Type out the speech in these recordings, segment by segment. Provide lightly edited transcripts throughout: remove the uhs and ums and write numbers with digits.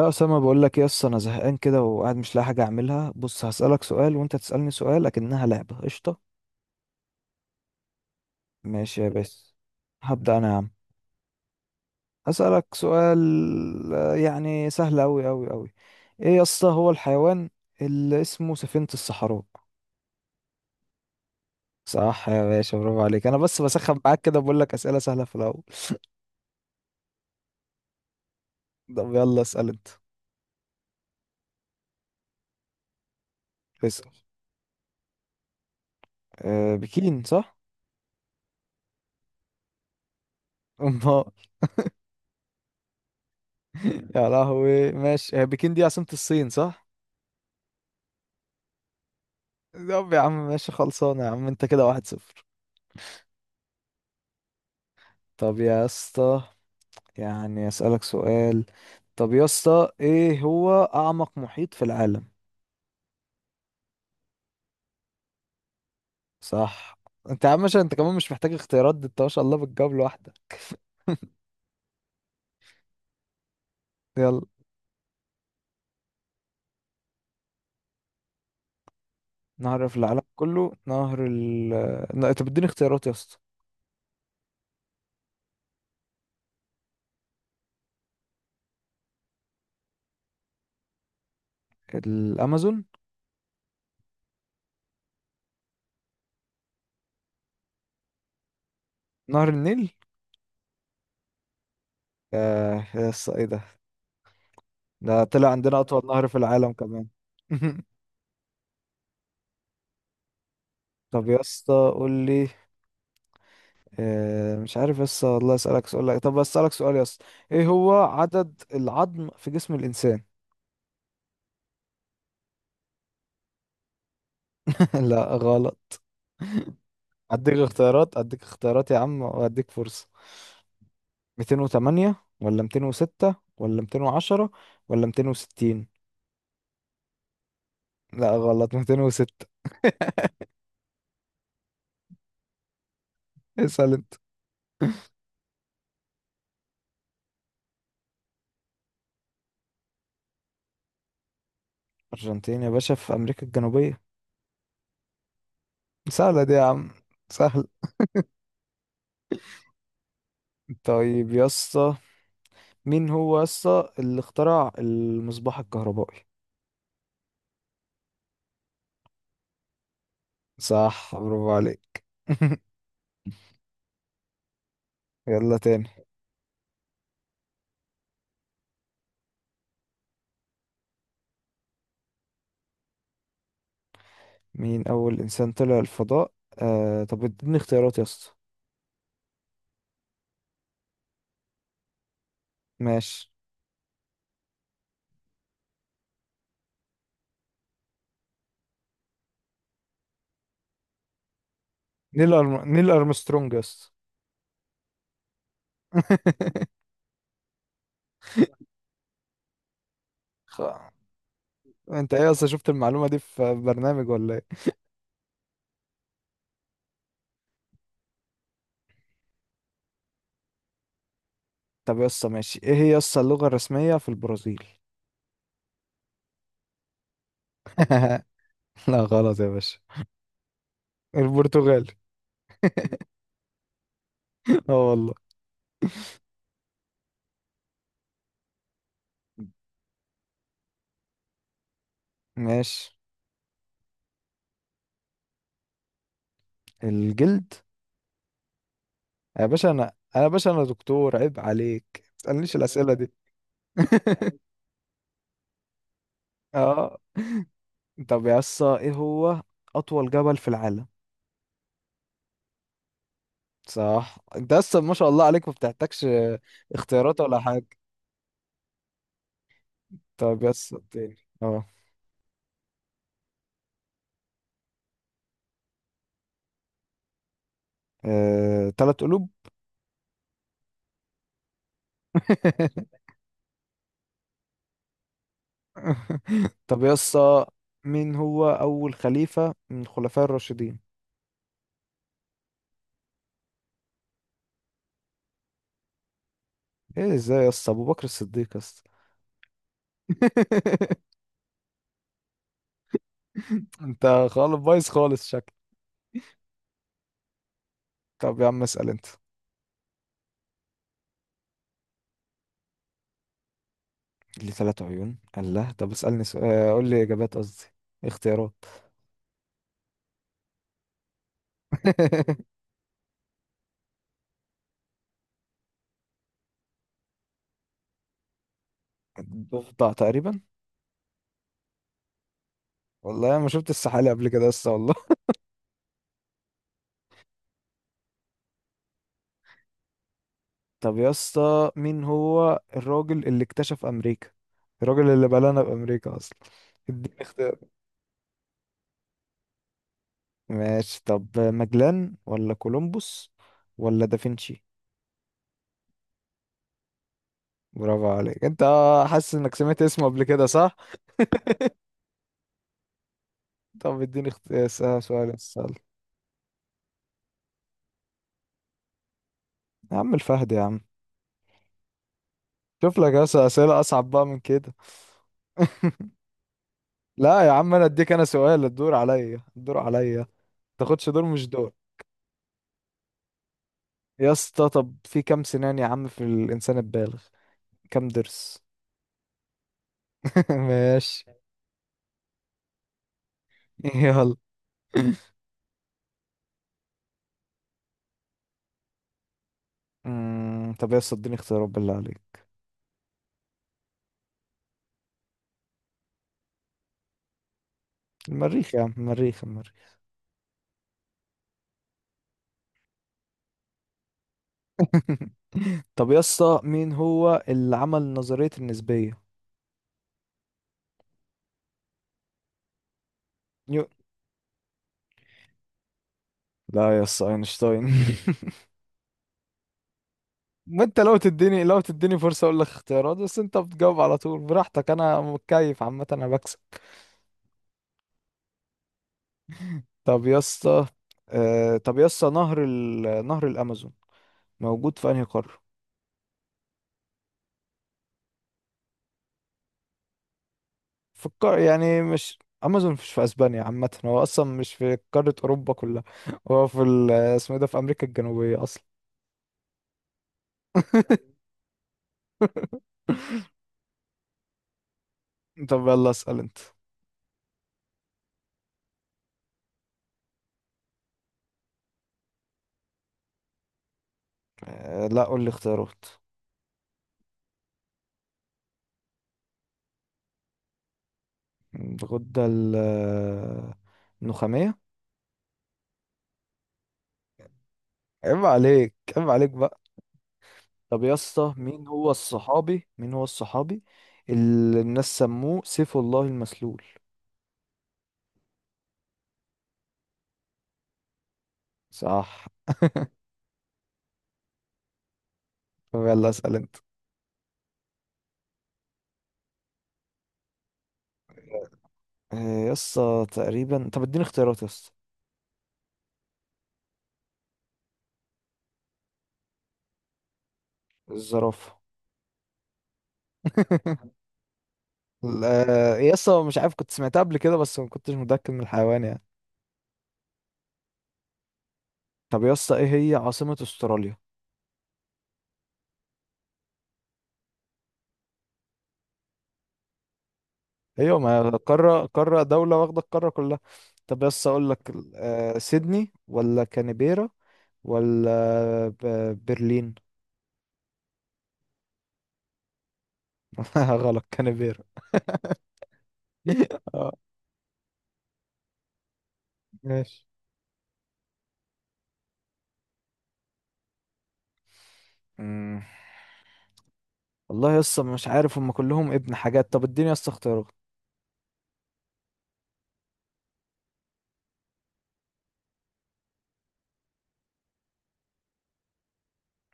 يا اسامه، بقول لك ايه، اصل انا زهقان كده وقاعد مش لاقي حاجه اعملها. بص هسالك سؤال وانت تسالني سؤال، لكنها لعبه. قشطه، ماشي يا بس. هبدا انا يا عم. هسالك سؤال. يعني سهل اوي اوي اوي. ايه يا اسطى هو الحيوان اللي اسمه سفينه الصحراء؟ صح يا باشا، برافو عليك. انا بس بسخن معاك كده بقول لك اسئله سهله في الاول. طب يلا اسال انت. اسال. أه بكين، صح؟ امال؟ يا لهوي، ماشي. هي بكين دي عاصمه الصين، صح؟ طب يا عم ماشي، خلصانة يا عم، انت كده واحد صفر. طب يا اسطى، يعني اسألك سؤال. طب يا اسطى، ايه هو أعمق محيط في العالم؟ صح. انت يا عم، عشان انت كمان مش محتاج اختيارات دي، انت ما شاء الله بتجاوب لوحدك. يلا. نهر في العالم كله، نهر ال... طب اديني اختيارات يا اسطى. الأمازون. نهر النيل. آه يا اسطى ايه ده؟ ده طلع عندنا أطول نهر في العالم كمان. طب يا اسطى قول لي. مش عارف بس والله اسالك سؤال لك. طب اسالك سؤال يا اسطى، ايه هو عدد العظم في جسم الانسان؟ لا غلط. اديك اختيارات، اديك اختيارات يا عم، واديك فرصة. 208 ولا 206 ولا 210 ولا 260؟ لا غلط، 206. اسال انت. ارجنتين يا باشا في امريكا الجنوبية. سهلة دي يا عم. سهل. طيب يا اسطى، مين هو يا اسطى اللي اخترع المصباح الكهربائي؟ صح، برافو عليك. يلا تاني. مين أول إنسان طلع الفضاء؟ آه طب اديني اختيارات يا اسطى. ماشي. نيل أرمسترونج يا اسطى. خ- انت ايه يا اسطى، شفت المعلومة دي في برنامج ولا ايه؟ طب يا اسطى ماشي، ايه هي يا اسطى اللغة الرسمية في البرازيل؟ لا غلط يا باشا. البرتغالي. اه والله. ماشي. الجلد. يا باشا، انا يا باشا انا دكتور، عيب عليك ما تسألنيش الأسئلة دي. اه. طب يا اسطى، ايه هو أطول جبل في العالم؟ صح. انت اصلا ما شاء الله عليك ما بتحتاجش اختيارات ولا حاجه. طب يس تاني. اه. تلات قلوب. طب يس، مين هو اول خليفه من الخلفاء الراشدين؟ ايه ازاي يس، ابو بكر الصديق يس. انت خالص بايظ خالص شكل. طب يا عم اسال انت. ليه تلات عيون؟ الله، طب اسالني سؤال. قول لي اجابات، قصدي اختيارات. ضفدع تقريبا. والله انا ما شفت السحالي قبل كده لسه والله. طب يا اسطى، مين هو الراجل اللي اكتشف امريكا؟ الراجل اللي بلانا بامريكا اصلا. اديني اختيار. ماشي، طب ماجلان ولا كولومبوس ولا دافنشي؟ برافو عليك انت. حاسس انك سمعت اسمه قبل كده، صح؟ طب اديني سؤال. اسال. يا عم الفهد يا عم. شوف لك يا اسطى اسئله اصعب بقى من كده. لا يا عم، انا اديك انا سؤال، الدور عليا الدور عليا. تاخدش دور، مش دور. يا اسطى، طب في كام سنان يا عم في الانسان البالغ؟ كام ضرس؟ ماشي. يلا. طب يا اسطى اديني اختيارات بالله عليك. المريخ يا عم، المريخ المريخ. طب يا اسطى، مين هو اللي عمل نظرية النسبية؟ نيو لا يا اسطى، اينشتاين. ما انت، لو تديني فرصة اقول لك اختيارات، بس انت بتجاوب على طول براحتك. انا متكيف عامة، انا بكسب. طب يا اسطى، طب يا اسطى نهر الامازون موجود في انهي قارة؟ فكر يعني، مش امازون مش في اسبانيا، عامه هو اصلا مش في قاره اوروبا كلها. هو في اسمه ايه ده، في امريكا الجنوبيه اصلا. طب يلا اسال انت. لا قول لي اختيارات. الغده النخاميه. عيب عليك عيب عليك بقى. طب يا اسطى، مين هو الصحابي اللي الناس سموه سيف الله المسلول؟ صح. طب يلا اسال انت. آه، يا اسطى تقريبا، طب اديني اختيارات يا اسطى. الزرافه. ال- يا اسطى مش عارف، كنت سمعتها قبل كده بس ما كنتش متأكد من الحيوان يعني. طب يا اسطى، ايه هي عاصمة استراليا؟ ايوه ما قارة قارة، دولة واخدة القارة كلها. طب يا اسطى اقول لك سيدني ولا كانبيرا ولا برلين؟ غلط، كانبيرا. آه، ماشي. مم. والله يا اسطى مش عارف، هم كلهم ابن حاجات. طب اديني يا اسطى اختيارات.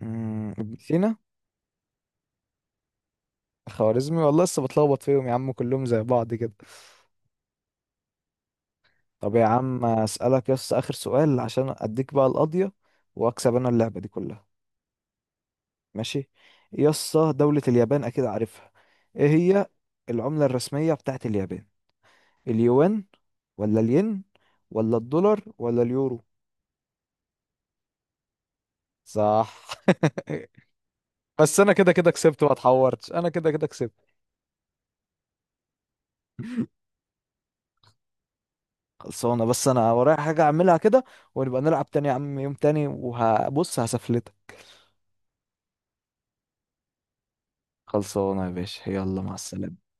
ابن سينا. خوارزمي والله، لسه بتلخبط فيهم يا عم، كلهم زي بعض كده. طب يا عم اسالك يس اخر سؤال عشان اديك بقى القضيه، واكسب انا اللعبه دي كلها. ماشي. يس دوله اليابان اكيد عارفها، ايه هي العمله الرسميه بتاعت اليابان؟ اليوان، ولا الين، ولا الدولار، ولا اليورو؟ صح. بس انا كده كده كسبت، ما اتحورتش، انا كده كده كسبت. خلصانه، بس انا ورايا حاجه اعملها كده. ونبقى نلعب تاني يا عم، يوم تاني، وهبص هسفلتك. خلصانه يا باشا، يلا مع السلامه.